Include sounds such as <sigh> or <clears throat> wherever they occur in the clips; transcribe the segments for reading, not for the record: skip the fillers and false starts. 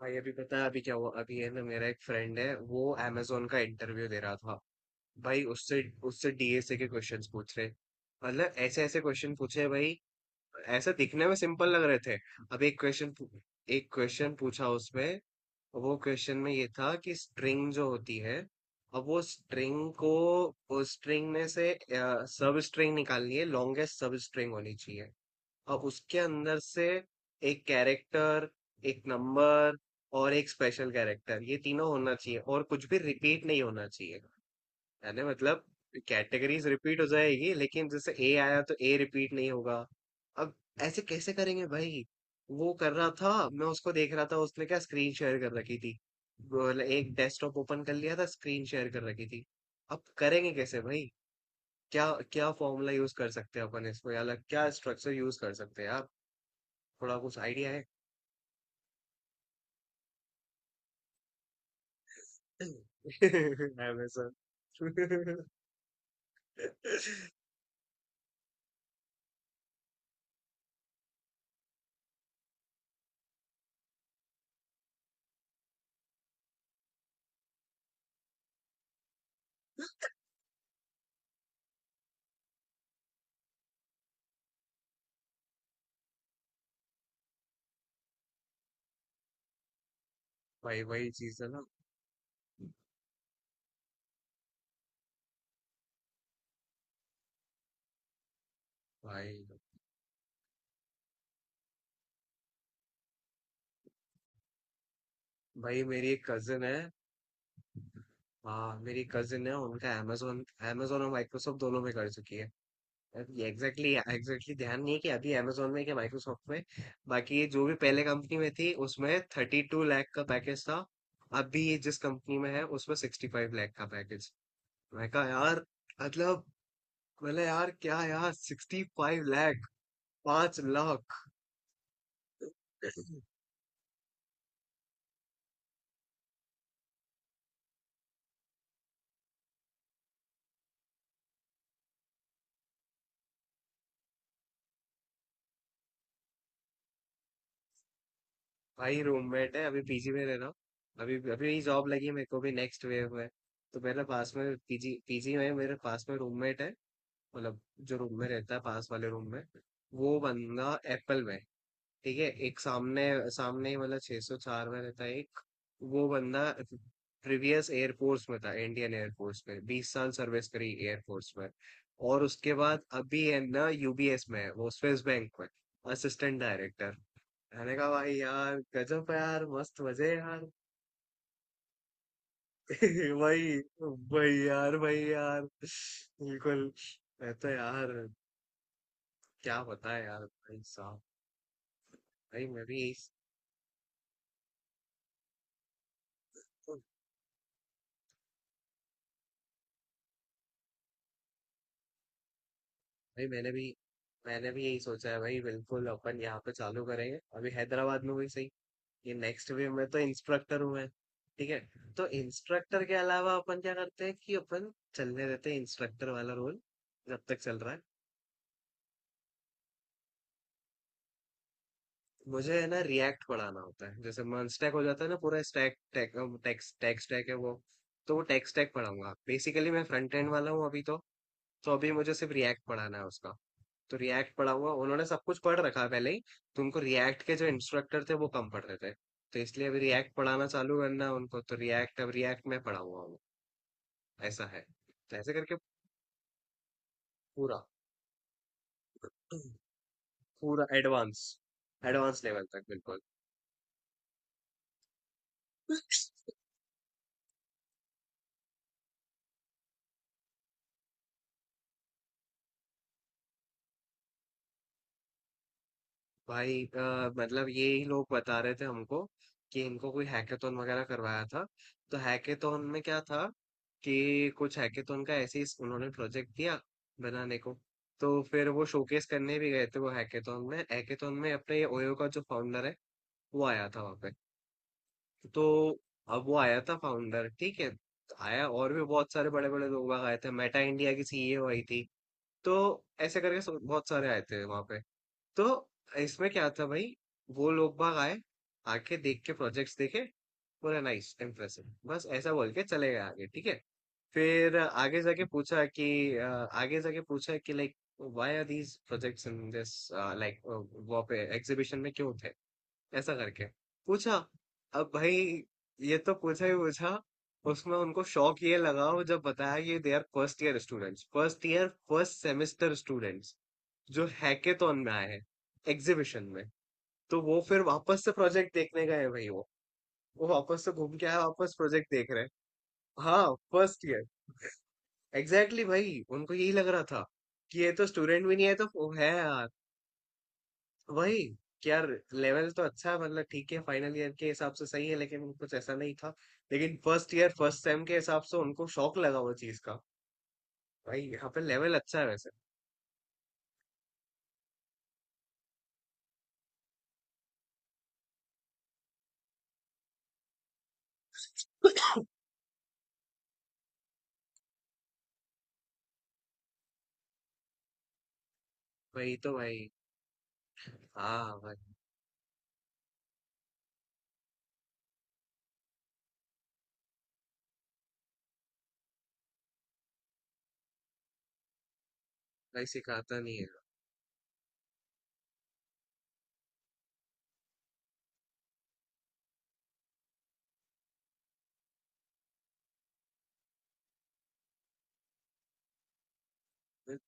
भाई अभी पता है अभी क्या हुआ। अभी है ना, मेरा एक फ्रेंड है, वो amazon का इंटरव्यू दे रहा था। भाई उससे उससे डीएसए के क्वेश्चंस पूछ रहे। मतलब ऐसे ऐसे क्वेश्चन पूछे भाई, ऐसा दिखने में सिंपल लग रहे थे। अब एक क्वेश्चन पूछा उसमें। वो क्वेश्चन में ये था कि स्ट्रिंग जो होती है, अब वो स्ट्रिंग को, उस स्ट्रिंग में से सब स्ट्रिंग निकालनी है, लॉन्गेस्ट सब स्ट्रिंग होनी चाहिए। और उसके अंदर से एक कैरेक्टर, एक नंबर और एक स्पेशल कैरेक्टर, ये तीनों होना चाहिए और कुछ भी रिपीट नहीं होना चाहिए। यानी मतलब कैटेगरीज रिपीट हो जाएगी, लेकिन जैसे ए आया तो ए रिपीट नहीं होगा। अब ऐसे कैसे करेंगे भाई? वो कर रहा था, मैं उसको देख रहा था। उसने क्या स्क्रीन शेयर कर रखी थी, बोले एक डेस्कटॉप ओपन कर लिया था, स्क्रीन शेयर कर रखी थी। अब करेंगे कैसे भाई? क्या क्या फॉर्मूला यूज कर सकते हैं अपन इसको, या अलग क्या स्ट्रक्चर यूज कर सकते हैं यार? थोड़ा कुछ आइडिया है? <laughs> अमेजोन। <laughs> भाई वही चीज है ना भाई। भाई मेरी एक कजिन है। हाँ, मेरी कजिन है, उनका amazon, amazon और माइक्रोसॉफ्ट दोनों में कर चुकी है। एग्जैक्टली एग्जैक्टली ध्यान नहीं कि अभी amazon में क्या माइक्रोसॉफ्ट में। बाकी ये जो भी पहले कंपनी में थी, उसमें 32 लैख का पैकेज था। अभी ये जिस कंपनी में है, उसमें 65 लैख का पैकेज। मैं कहा यार, मतलब, मतलब यार क्या यार 65 लैख, 5 लाख। भाई रूममेट है, अभी पीजी में रह रहा हूँ। अभी अभी यही जॉब लगी है मेरे को भी, नेक्स्ट वेव है। तो मेरे पास में पीजी पीजी में मेरे पास में रूममेट है। मतलब जो रूम में रहता है, पास वाले रूम में, वो बंदा एप्पल में है, ठीक है। एक सामने, सामने ही मतलब 604 में रहता है एक। वो बंदा प्रीवियस एयरफोर्स में था, इंडियन एयरफोर्स में 20 साल सर्विस करी एयरफोर्स में। और उसके बाद अभी है ना, यूबीएस में है वो, स्विस बैंक में, असिस्टेंट डायरेक्टर। मैंने कहा भाई यार गजब है यार, मस्त मजे हैं यार। <laughs> वही, वही यार, वही यार, बिल्कुल। मैं तो यार क्या बताएं यार भाई साहब। भाई मैं भी यही। भाई मैंने भी यही सोचा है भाई, बिल्कुल अपन यहाँ पे चालू करेंगे, अभी हैदराबाद में भी सही। ये नेक्स्ट वे में तो इंस्ट्रक्टर हूँ मैं, ठीक है। तो इंस्ट्रक्टर के अलावा अपन क्या करते हैं कि अपन चलने देते हैं इंस्ट्रक्टर वाला रोल, जब तक चल रहा है। मुझे है ना रिएक्ट पढ़ाना होता है। जैसे मन स्टैक हो जाता है ना, पूरा स्टैक, टेक्स्ट टेक्स्ट स्टैक है वो। तो वो टेक्स्ट स्टैक पढ़ाऊंगा। बेसिकली मैं फ्रंट एंड वाला हूँ अभी तो। तो अभी मुझे सिर्फ रिएक्ट पढ़ाना है उसका। तो रिएक्ट पढ़ा हुआ, उन्होंने सब कुछ पढ़ रखा है पहले ही। तुमको रिएक्ट के जो इंस्ट्रक्टर थे, वो कम पढ़ रहे थे। तो इसलिए अभी रिएक्ट पढ़ाना चालू करना है उनको। तो रिएक्ट, अब रिएक्ट में पढ़ा हुआ हूँ, ऐसा है। तो ऐसे करके पूरा, पूरा एडवांस, एडवांस लेवल तक बिल्कुल। भाई मतलब ये ही लोग बता रहे थे हमको कि इनको कोई हैकेथॉन वगैरह करवाया था। तो हैकेथॉन में क्या था, कि कुछ हैकेथॉन का ऐसे ही उन्होंने प्रोजेक्ट दिया बनाने को। तो फिर वो शोकेस करने भी गए थे, वो हैकेथॉन में अपने ये ओयो का जो फाउंडर है, वो आया था वहाँ पे। तो अब वो आया था फाउंडर, ठीक है। आया और भी बहुत सारे बड़े बड़े लोग वहाँ आए थे, मेटा इंडिया की सीईओ आई थी। तो ऐसे करके सब- बहुत सारे आए थे वहाँ पे। तो इसमें क्या था भाई, वो लोग बाग आए, आके देख के प्रोजेक्ट्स देखे, बोला नाइस, इम्प्रेसिव। बस ऐसा बोल के चले गए आगे, ठीक है। फिर आगे जाके पूछा कि आगे जाके पूछा कि like why are these projects in this, like वो पे एग्जीबिशन में क्यों थे, ऐसा करके पूछा। अब भाई ये तो पूछा ही पूछा। उसमें उनको शौक ये लगा, वो जब बताया कि they are first year students, first year first semester students जो हैकेथॉन में आए हैं एग्जीबिशन में। तो वो फिर वापस से प्रोजेक्ट देखने गए हैं भाई। वो वापस से घूम के आया, वापस प्रोजेक्ट देख रहे हैं। हाँ, फर्स्ट ईयर एग्जैक्टली भाई, उनको यही लग रहा था कि ये तो स्टूडेंट भी नहीं है। तो वो है यार, वही कि यार लेवल तो अच्छा है, मतलब ठीक है फाइनल ईयर के हिसाब से सही है, लेकिन कुछ ऐसा नहीं था। लेकिन फर्स्ट ईयर फर्स्ट सेम के हिसाब से उनको शौक लगा वो चीज का। भाई यहाँ पे लेवल अच्छा है वैसे, वही तो भाई। हाँ भाई, भाई सिखाता नहीं है।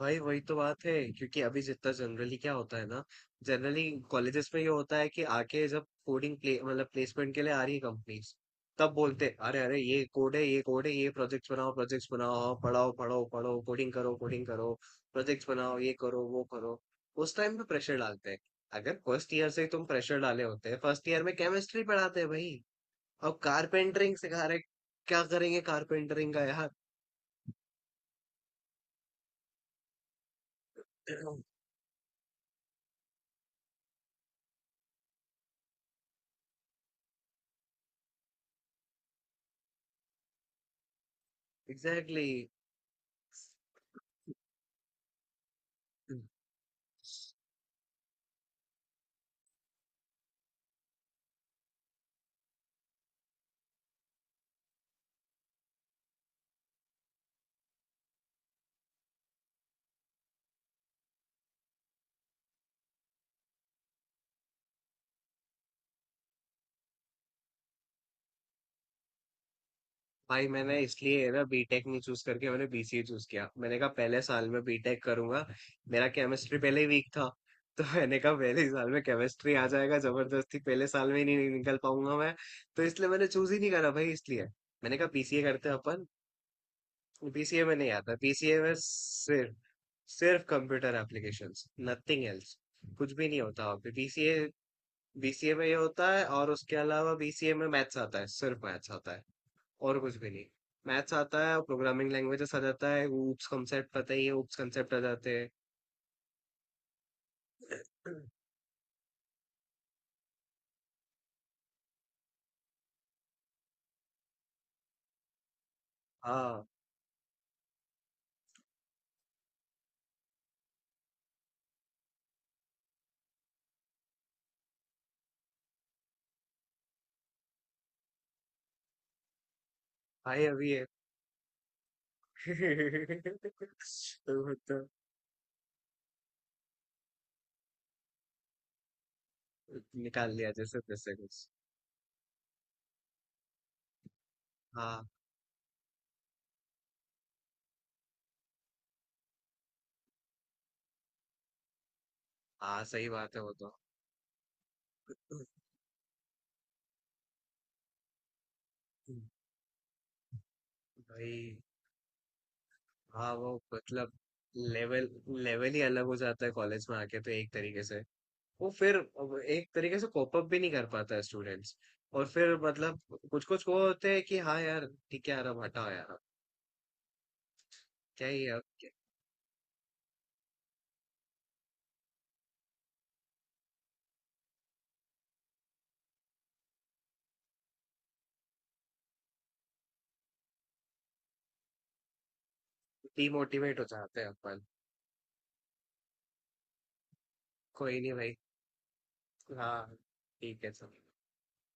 भाई वही तो बात है, क्योंकि अभी जितना जनरली क्या होता है ना, जनरली कॉलेजेस में ये होता है कि आके जब कोडिंग प्ले, मतलब प्लेसमेंट के लिए आ रही है कंपनीज, तब बोलते हैं अरे अरे ये कोड है, ये कोड है, ये प्रोजेक्ट्स बनाओ, प्रोजेक्ट्स बनाओ, हाँ, पढ़ाओ पढ़ाओ, पढ़ो कोडिंग करो, कोडिंग करो, प्रोजेक्ट्स बनाओ, ये करो वो करो। उस टाइम पे प्रेशर डालते हैं। अगर फर्स्ट ईयर से ही तुम प्रेशर डाले होते हैं, फर्स्ट ईयर में केमिस्ट्री पढ़ाते हैं भाई, अब कारपेंटरिंग सिखा रहे, क्या करेंगे कारपेंटरिंग का यार? <clears throat> एग्जैक्टली भाई। मैंने इसलिए ना बीटेक नहीं चूज करके मैंने बीसीए चूज किया। मैंने कहा पहले साल में बीटेक करूंगा, मेरा केमिस्ट्री पहले ही वीक था। तो <laughs> मैंने कहा पहले ही साल में केमिस्ट्री आ जाएगा जबरदस्ती, पहले साल में ही नहीं निकल पाऊंगा मैं। तो इसलिए मैंने चूज ही नहीं करा भाई, इसलिए मैंने कहा बीसीए करते हैं अपन। बीसीए में नहीं आता, बीसीए में सिर्फ, सिर्फ कंप्यूटर एप्लीकेशंस, नथिंग एल्स। कुछ भी नहीं होता वहाँ पे बीसीए। बीसीए में ये होता है, और उसके अलावा बीसीए में मैथ्स आता है, सिर्फ मैथ्स आता है, और कुछ भी नहीं। मैथ्स आता है, प्रोग्रामिंग लैंग्वेजेस आ जाता है, ऊप्स कंसेप्ट पता ही है, ऊप्स कंसेप्ट आ जाते हैं। हाँ भाई अभी है। <laughs> तो वो तो निकाल लिया जैसे तैसे कुछ। हाँ, हाँ सही बात है वो तो। भाई हाँ वो मतलब लेवल, लेवल ही अलग हो जाता है कॉलेज में आके तो, एक तरीके से। वो फिर अब एक तरीके से कोप अप भी नहीं कर पाता है स्टूडेंट्स। और फिर मतलब कुछ कुछ वो होते हैं कि हाँ यार, ठीक है यार, अब हटाओ यार, क्या ही अब। डिमोटिवेट हो जाते हैं अपन। कोई नहीं भाई। हाँ, ठीक है सब।